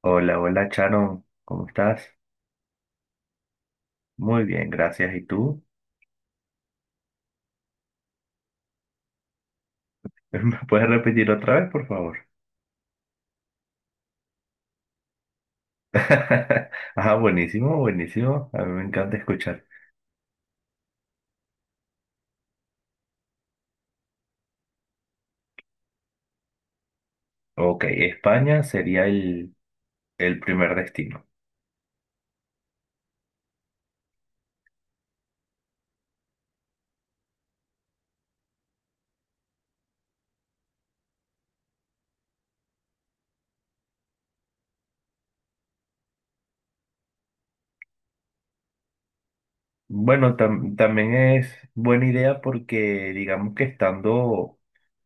Hola, hola Charon. ¿Cómo estás? Muy bien, gracias. ¿Y tú? ¿Me puedes repetir otra vez, por favor? Ah, buenísimo, buenísimo. A mí me encanta escuchar. Ok, España sería el primer destino. Bueno, también es buena idea porque digamos que estando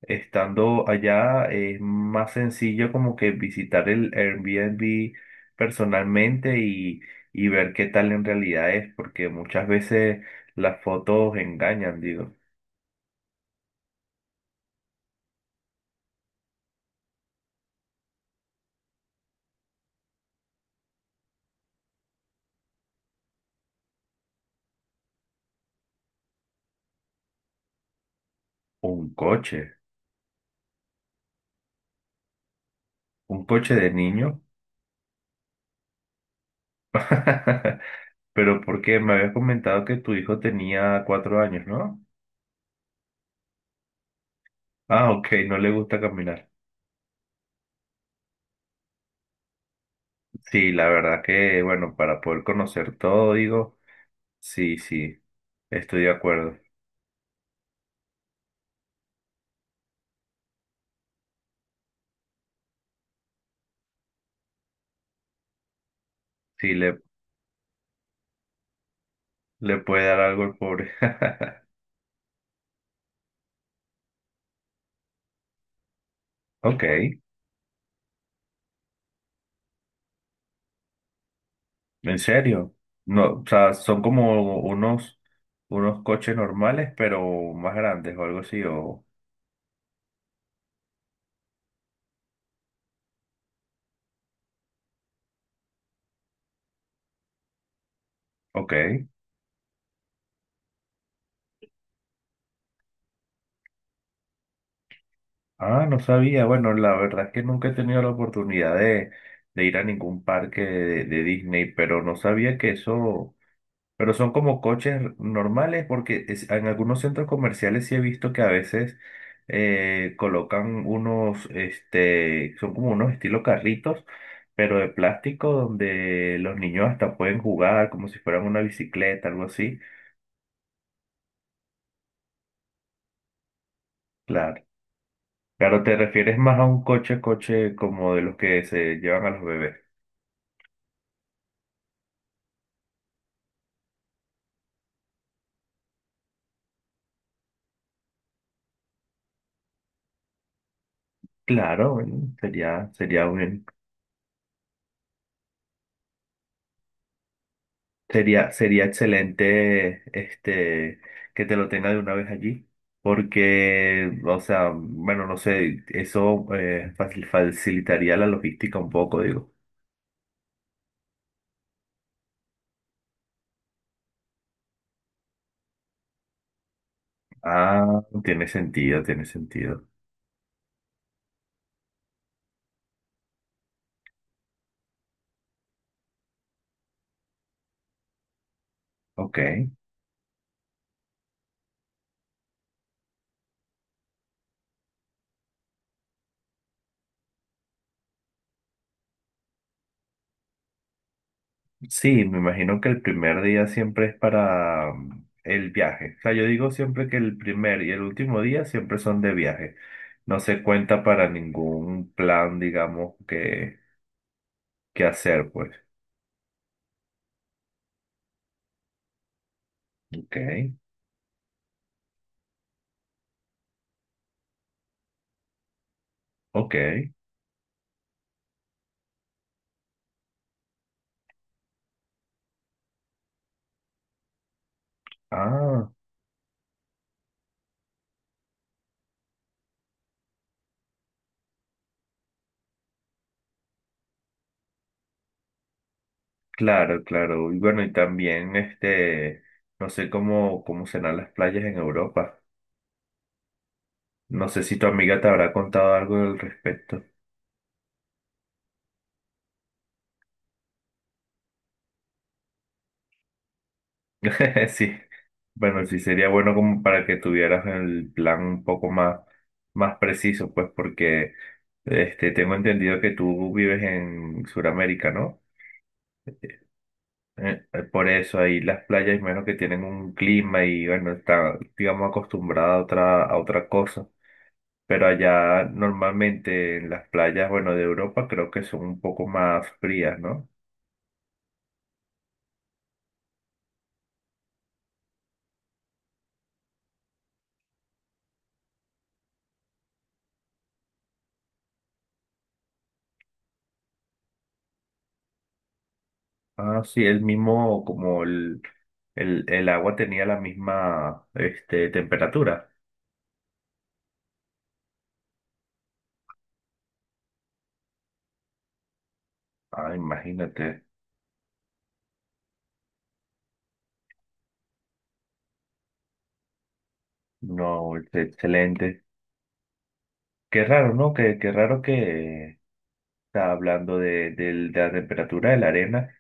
Estando allá es más sencillo como que visitar el Airbnb personalmente y ver qué tal en realidad es, porque muchas veces las fotos engañan, digo, un coche, un coche de niño. Pero porque me habías comentado que tu hijo tenía 4 años, ¿no? Ah, ok, no le gusta caminar. Sí, la verdad que, bueno, para poder conocer todo, digo, sí, sí, estoy de acuerdo. Sí, le puede dar algo al pobre. Ok, en serio. No, o sea, son como unos coches normales, pero más grandes o algo así. Ok. Ah, no sabía. Bueno, la verdad es que nunca he tenido la oportunidad de ir a ningún parque de Disney, pero no sabía que eso. Pero son como coches normales porque en algunos centros comerciales sí he visto que a veces colocan unos, este, son como unos estilo carritos, pero de plástico donde los niños hasta pueden jugar como si fueran una bicicleta, algo así. Claro. Claro, te refieres más a un coche, coche como de los que se llevan a los bebés. Claro, bueno, sería un, sería excelente este, que te lo tenga de una vez allí, porque, o sea, bueno, no sé, eso facilitaría la logística un poco, digo. Ah, tiene sentido, tiene sentido. Ok. Sí, me imagino que el primer día siempre es para el viaje. O sea, yo digo siempre que el primer y el último día siempre son de viaje. No se cuenta para ningún plan, digamos, que hacer, pues. Ok, ok. Ah, claro, claro. Y bueno, y también este, no sé cómo serán las playas en Europa. No sé si tu amiga te habrá contado algo al respecto. Sí. Bueno, sí sería bueno como para que tuvieras el plan un poco más preciso, pues, porque este tengo entendido que tú vives en Sudamérica, ¿no? Por eso ahí las playas, menos que tienen un clima y bueno, está, digamos, acostumbrada a otra cosa. Pero allá normalmente en las playas, bueno, de Europa creo que son un poco más frías, ¿no? Ah, sí, el mismo, como el agua tenía la misma, este, temperatura. Ah, imagínate. No, es excelente. Qué raro, ¿no? Qué raro que está hablando de la temperatura de la arena.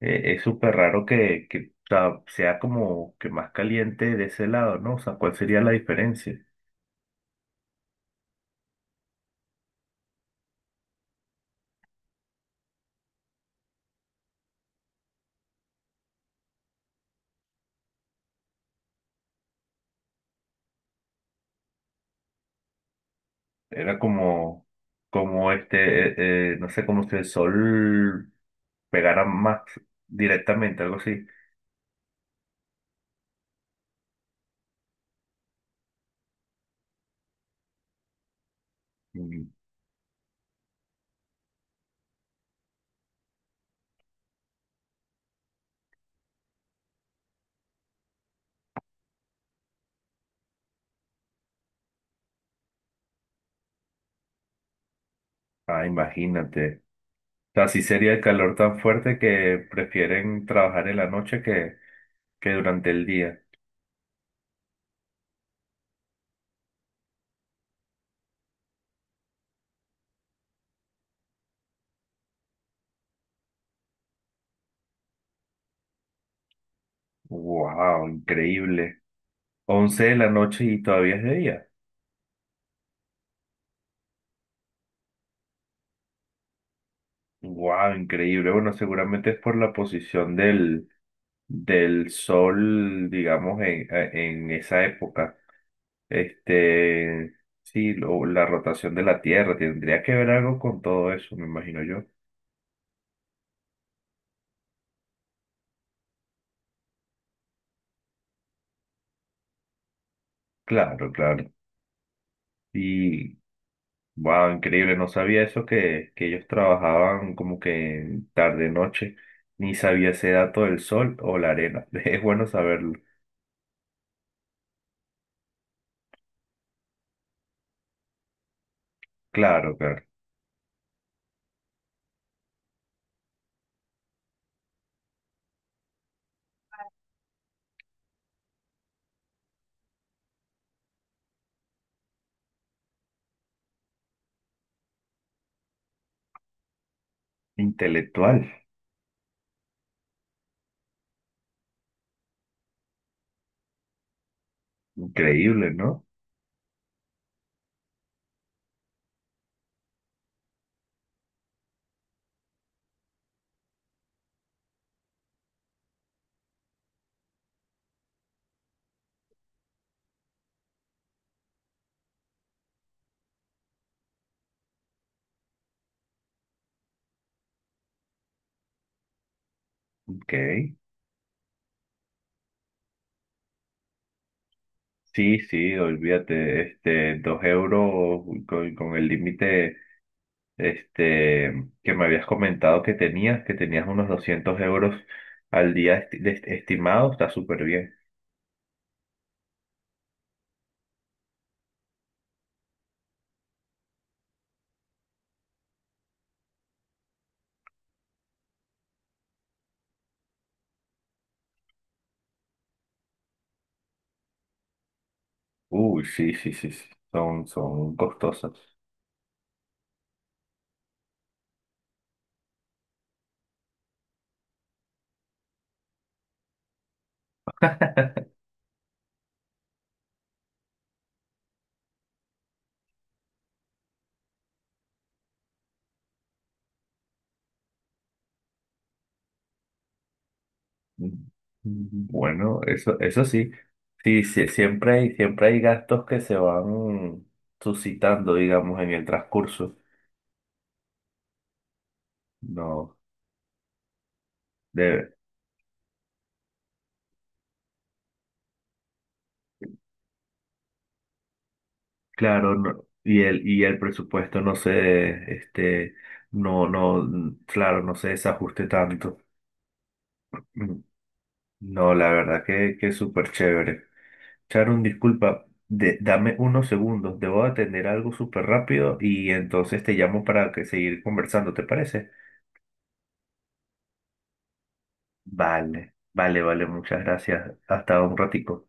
Es súper raro que o sea como que más caliente de ese lado, ¿no? O sea, ¿cuál sería la diferencia? Era como este, no sé, como si el sol pegara más directamente, algo así. Mm. Ah, imagínate. O sea, sí sería el calor tan fuerte que prefieren trabajar en la noche que durante el día. Wow, increíble. 11 de la noche y todavía es de día. Wow, increíble. Bueno, seguramente es por la posición del sol, digamos, en esa época. Este, sí, la rotación de la Tierra tendría que ver algo con todo eso, me imagino yo. Claro, claro. Y, wow, increíble, no sabía eso que ellos trabajaban como que tarde noche, ni sabía ese dato del sol o la arena. Es bueno saberlo. Claro, claro. Intelectual, increíble, ¿no? Ok. Sí, sí, olvídate, este, 2 euros con el límite. Este, que me habías comentado que tenías unos 200 euros al día estimado, está súper bien. Uy, sí, sí, sí, sí, son costosas. Mm. Bueno, eso sí, sí, sí, siempre hay gastos que se van suscitando, digamos, en el transcurso. No, de, claro, no, y el presupuesto no se, este, no, no, claro, no se desajuste tanto. No, la verdad que es súper chévere. Charun, disculpa, dame unos segundos, debo atender algo súper rápido y entonces te llamo para que seguir conversando, ¿te parece? Vale, vale, vale, muchas gracias. Hasta un ratico.